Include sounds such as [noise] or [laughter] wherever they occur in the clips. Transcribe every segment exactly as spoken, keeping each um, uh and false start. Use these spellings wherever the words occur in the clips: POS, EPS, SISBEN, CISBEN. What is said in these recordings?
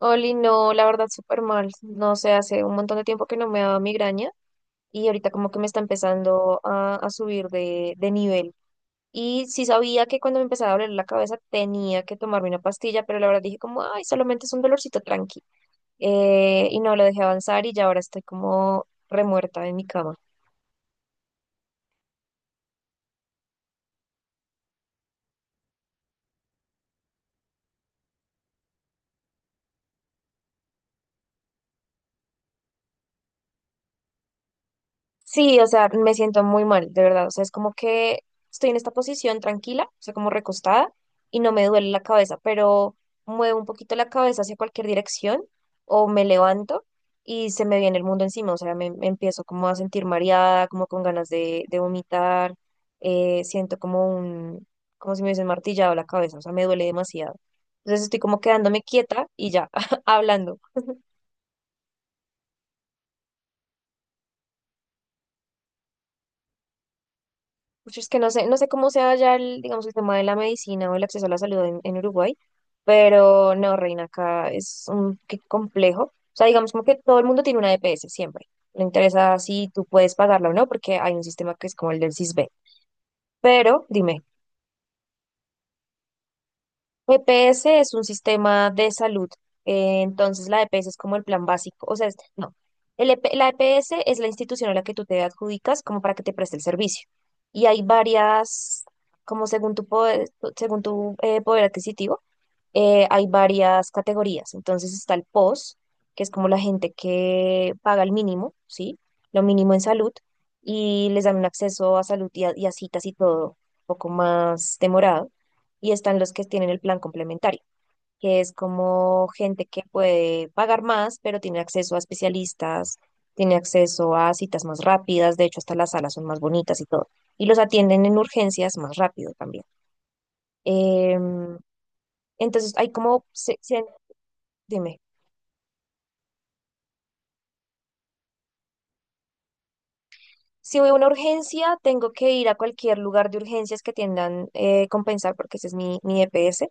Oli, no, la verdad, súper mal. No sé, hace un montón de tiempo que no me daba migraña y ahorita como que me está empezando a, a subir de, de nivel. Y sí sabía que cuando me empezaba a doler la cabeza tenía que tomarme una pastilla, pero la verdad dije como, ay, solamente es un dolorcito tranqui. Eh, y no, lo dejé avanzar y ya ahora estoy como remuerta en mi cama. Sí, o sea, me siento muy mal, de verdad. O sea, es como que estoy en esta posición tranquila, o sea, como recostada, y no me duele la cabeza, pero muevo un poquito la cabeza hacia cualquier dirección o me levanto y se me viene el mundo encima. O sea, me, me empiezo como a sentir mareada, como con ganas de, de vomitar. Eh, siento como un, como si me hubiesen martillado la cabeza, o sea, me duele demasiado. Entonces estoy como quedándome quieta y ya, [laughs] hablando. Pues es que no sé, no sé cómo sea ya el, digamos, el tema de la medicina o el acceso a la salud en, en Uruguay, pero no, Reina, acá es un qué complejo. O sea, digamos como que todo el mundo tiene una E P S siempre. Le interesa si tú puedes pagarla o no, porque hay un sistema que es como el del CISBEN. Pero dime, E P S es un sistema de salud, eh, entonces la E P S es como el plan básico, o sea, es- no, el E P la E P S es la institución a la que tú te adjudicas como para que te preste el servicio. Y hay varias, como según tu poder, según tu eh, poder adquisitivo, eh, hay varias categorías. Entonces está el P O S, que es como la gente que paga el mínimo, ¿sí? Lo mínimo en salud y les dan un acceso a salud y a, y a citas y todo un poco más demorado. Y están los que tienen el plan complementario, que es como gente que puede pagar más, pero tiene acceso a especialistas, tiene acceso a citas más rápidas, de hecho hasta las salas son más bonitas y todo. Y los atienden en urgencias más rápido también. Em, entonces hay como dime, si voy a una urgencia, tengo que ir a cualquier lugar de urgencias que tiendan eh, compensar, porque ese es mi, mi E P S,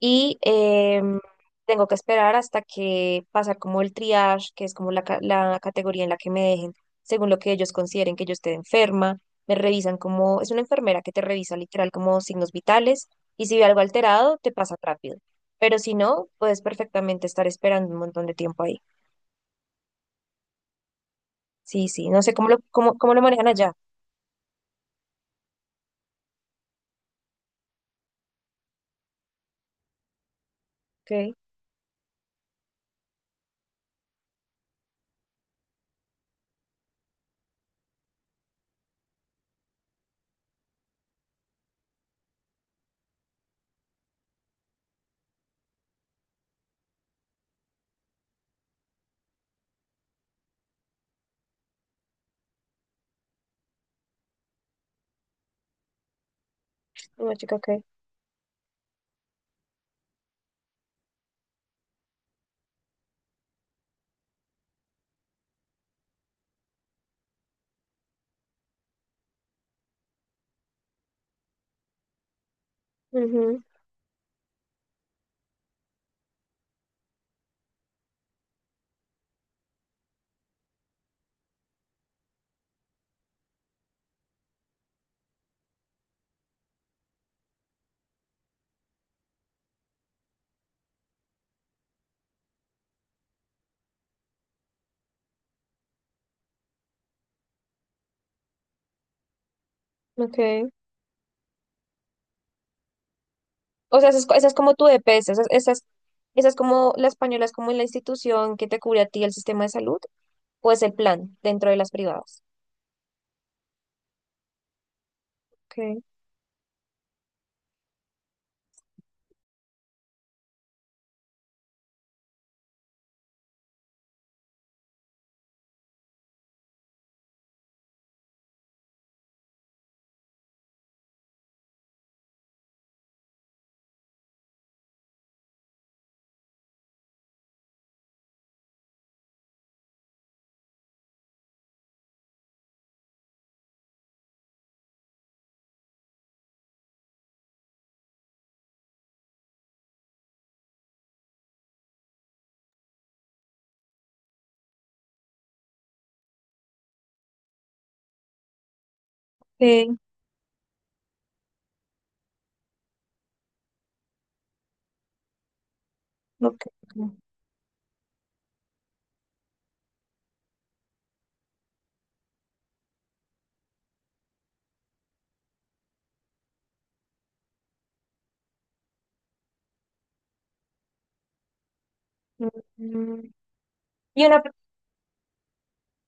y em, tengo que esperar hasta que pasar como el triage, que es como la, ca- la categoría en la que me dejen, según lo que ellos consideren que yo esté enferma, me revisan como, es una enfermera que te revisa literal como signos vitales, y si ve algo alterado, te pasa rápido, pero si no, puedes perfectamente estar esperando un montón de tiempo ahí. Sí, sí, no sé cómo lo, cómo, cómo lo manejan allá. Ok, una chica, ok. Ujú, okay. O sea, esa es, co- esa es como tu E P S, esa, esa esas esas es como la española, es como la institución que te cubre a ti el sistema de salud, o es el plan dentro de las privadas. Okay. Sí. Okay. Mm. Y una,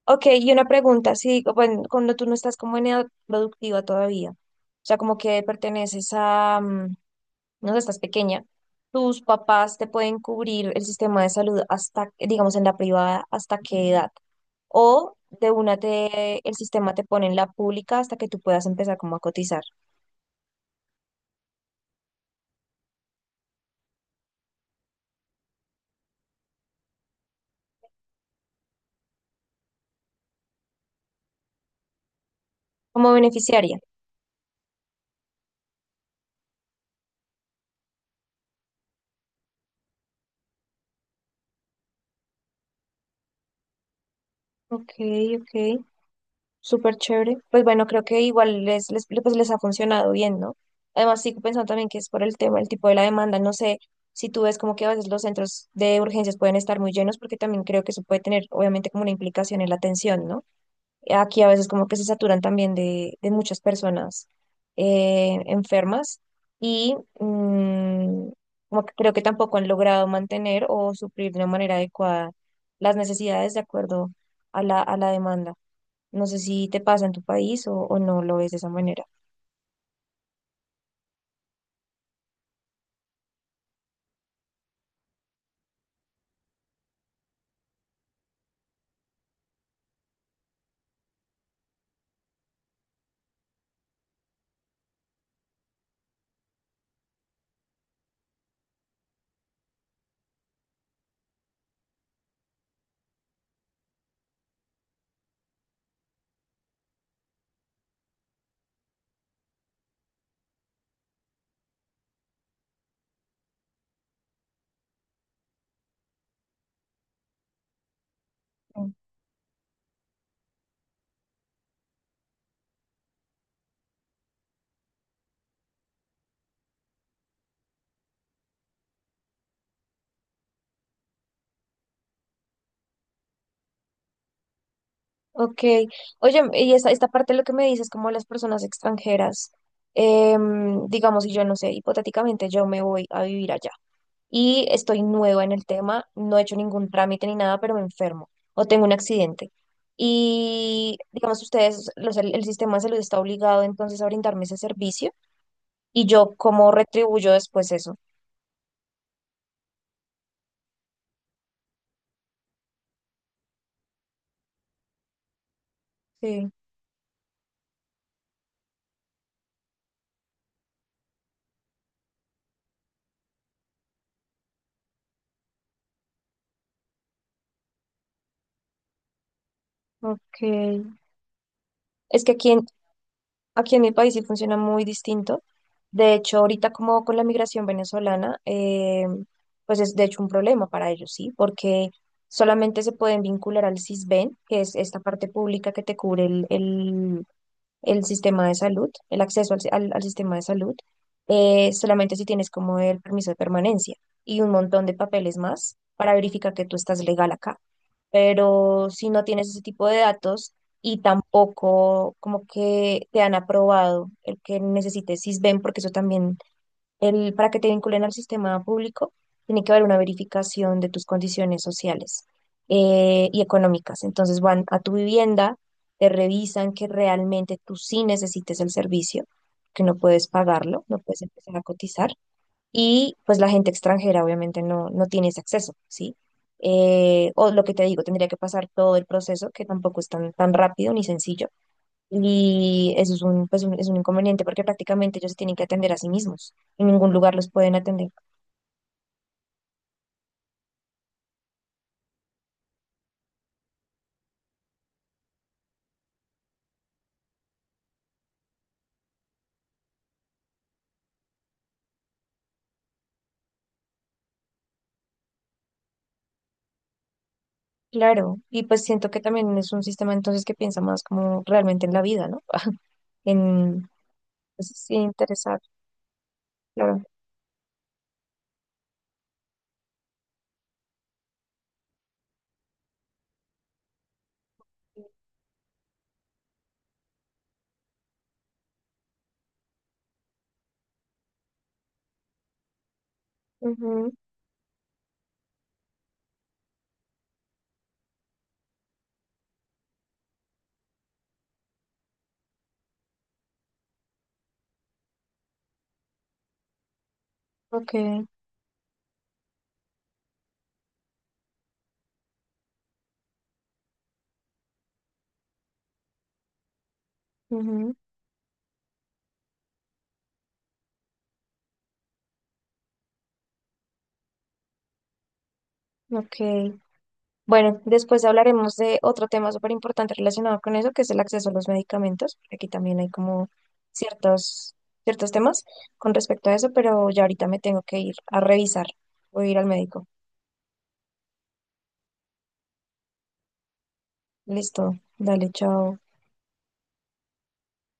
okay, y una pregunta, sí, bueno, cuando tú no estás como en edad productiva todavía, o sea, como que perteneces a, mm, no sé, estás pequeña, tus papás te pueden cubrir el sistema de salud hasta, digamos, en la privada, hasta qué edad. O de una te, el sistema te pone en la pública hasta que tú puedas empezar como a cotizar, como beneficiaria. Ok, ok, súper chévere. Pues bueno, creo que igual les, les, pues les ha funcionado bien, ¿no? Además, sigo pensando también que es por el tema, el tipo de la demanda. No sé si tú ves como que a veces los centros de urgencias pueden estar muy llenos, porque también creo que eso puede tener, obviamente, como una implicación en la atención, ¿no? Aquí a veces como que se saturan también de, de muchas personas eh, enfermas y mm, como que creo que tampoco han logrado mantener o suplir de una manera adecuada las necesidades de acuerdo a la, a la demanda. No sé si te pasa en tu país o, o no lo ves de esa manera. Mm. Ok, oye, y esta, esta parte de lo que me dices, como las personas extranjeras, em, digamos, si yo no sé, hipotéticamente yo me voy a vivir allá. Y estoy nueva en el tema, no he hecho ningún trámite ni nada, pero me enfermo o tengo un accidente. Y digamos, ustedes, los- el, el sistema de salud está obligado entonces a brindarme ese servicio y yo cómo retribuyo después eso. Sí, ok. Es que aquí en, aquí en mi país sí funciona muy distinto. De hecho, ahorita como con la migración venezolana, eh, pues es de hecho un problema para ellos, ¿sí? Porque solamente se pueden vincular al SISBEN, que es esta parte pública que te cubre el, el sistema de salud, el acceso al, si- al- al sistema de salud, eh, solamente si tienes como el permiso de permanencia y un montón de papeles más para verificar que tú estás legal acá. Pero si no tienes ese tipo de datos y tampoco como que te han aprobado el que necesites SISBEN, porque eso también el, para que te vinculen al sistema público, tiene que haber una verificación de tus condiciones sociales eh, y económicas. Entonces van a tu vivienda, te revisan que realmente tú sí necesites el servicio, que no puedes pagarlo, no puedes empezar a cotizar. Y pues la gente extranjera obviamente no, no tiene ese acceso, ¿sí? Eh, o lo que te digo, tendría que pasar todo el proceso, que tampoco es tan, tan rápido ni sencillo y eso es un, pues, un- es un inconveniente porque prácticamente ellos se tienen que atender a sí mismos. En ningún lugar los pueden atender. Claro, y pues siento que también es un sistema entonces que piensa más como realmente en la vida, ¿no? [laughs] En, pues, sí, interesar, claro. Ujú, ok, ujú, ok. Bueno, después hablaremos de otro tema súper importante relacionado con eso, que es el acceso a los medicamentos. Aquí también hay como ciertos, ciertos temas con respecto a eso, pero ya ahorita me tengo que ir a revisar. Voy a ir al médico. Listo, dale, chao.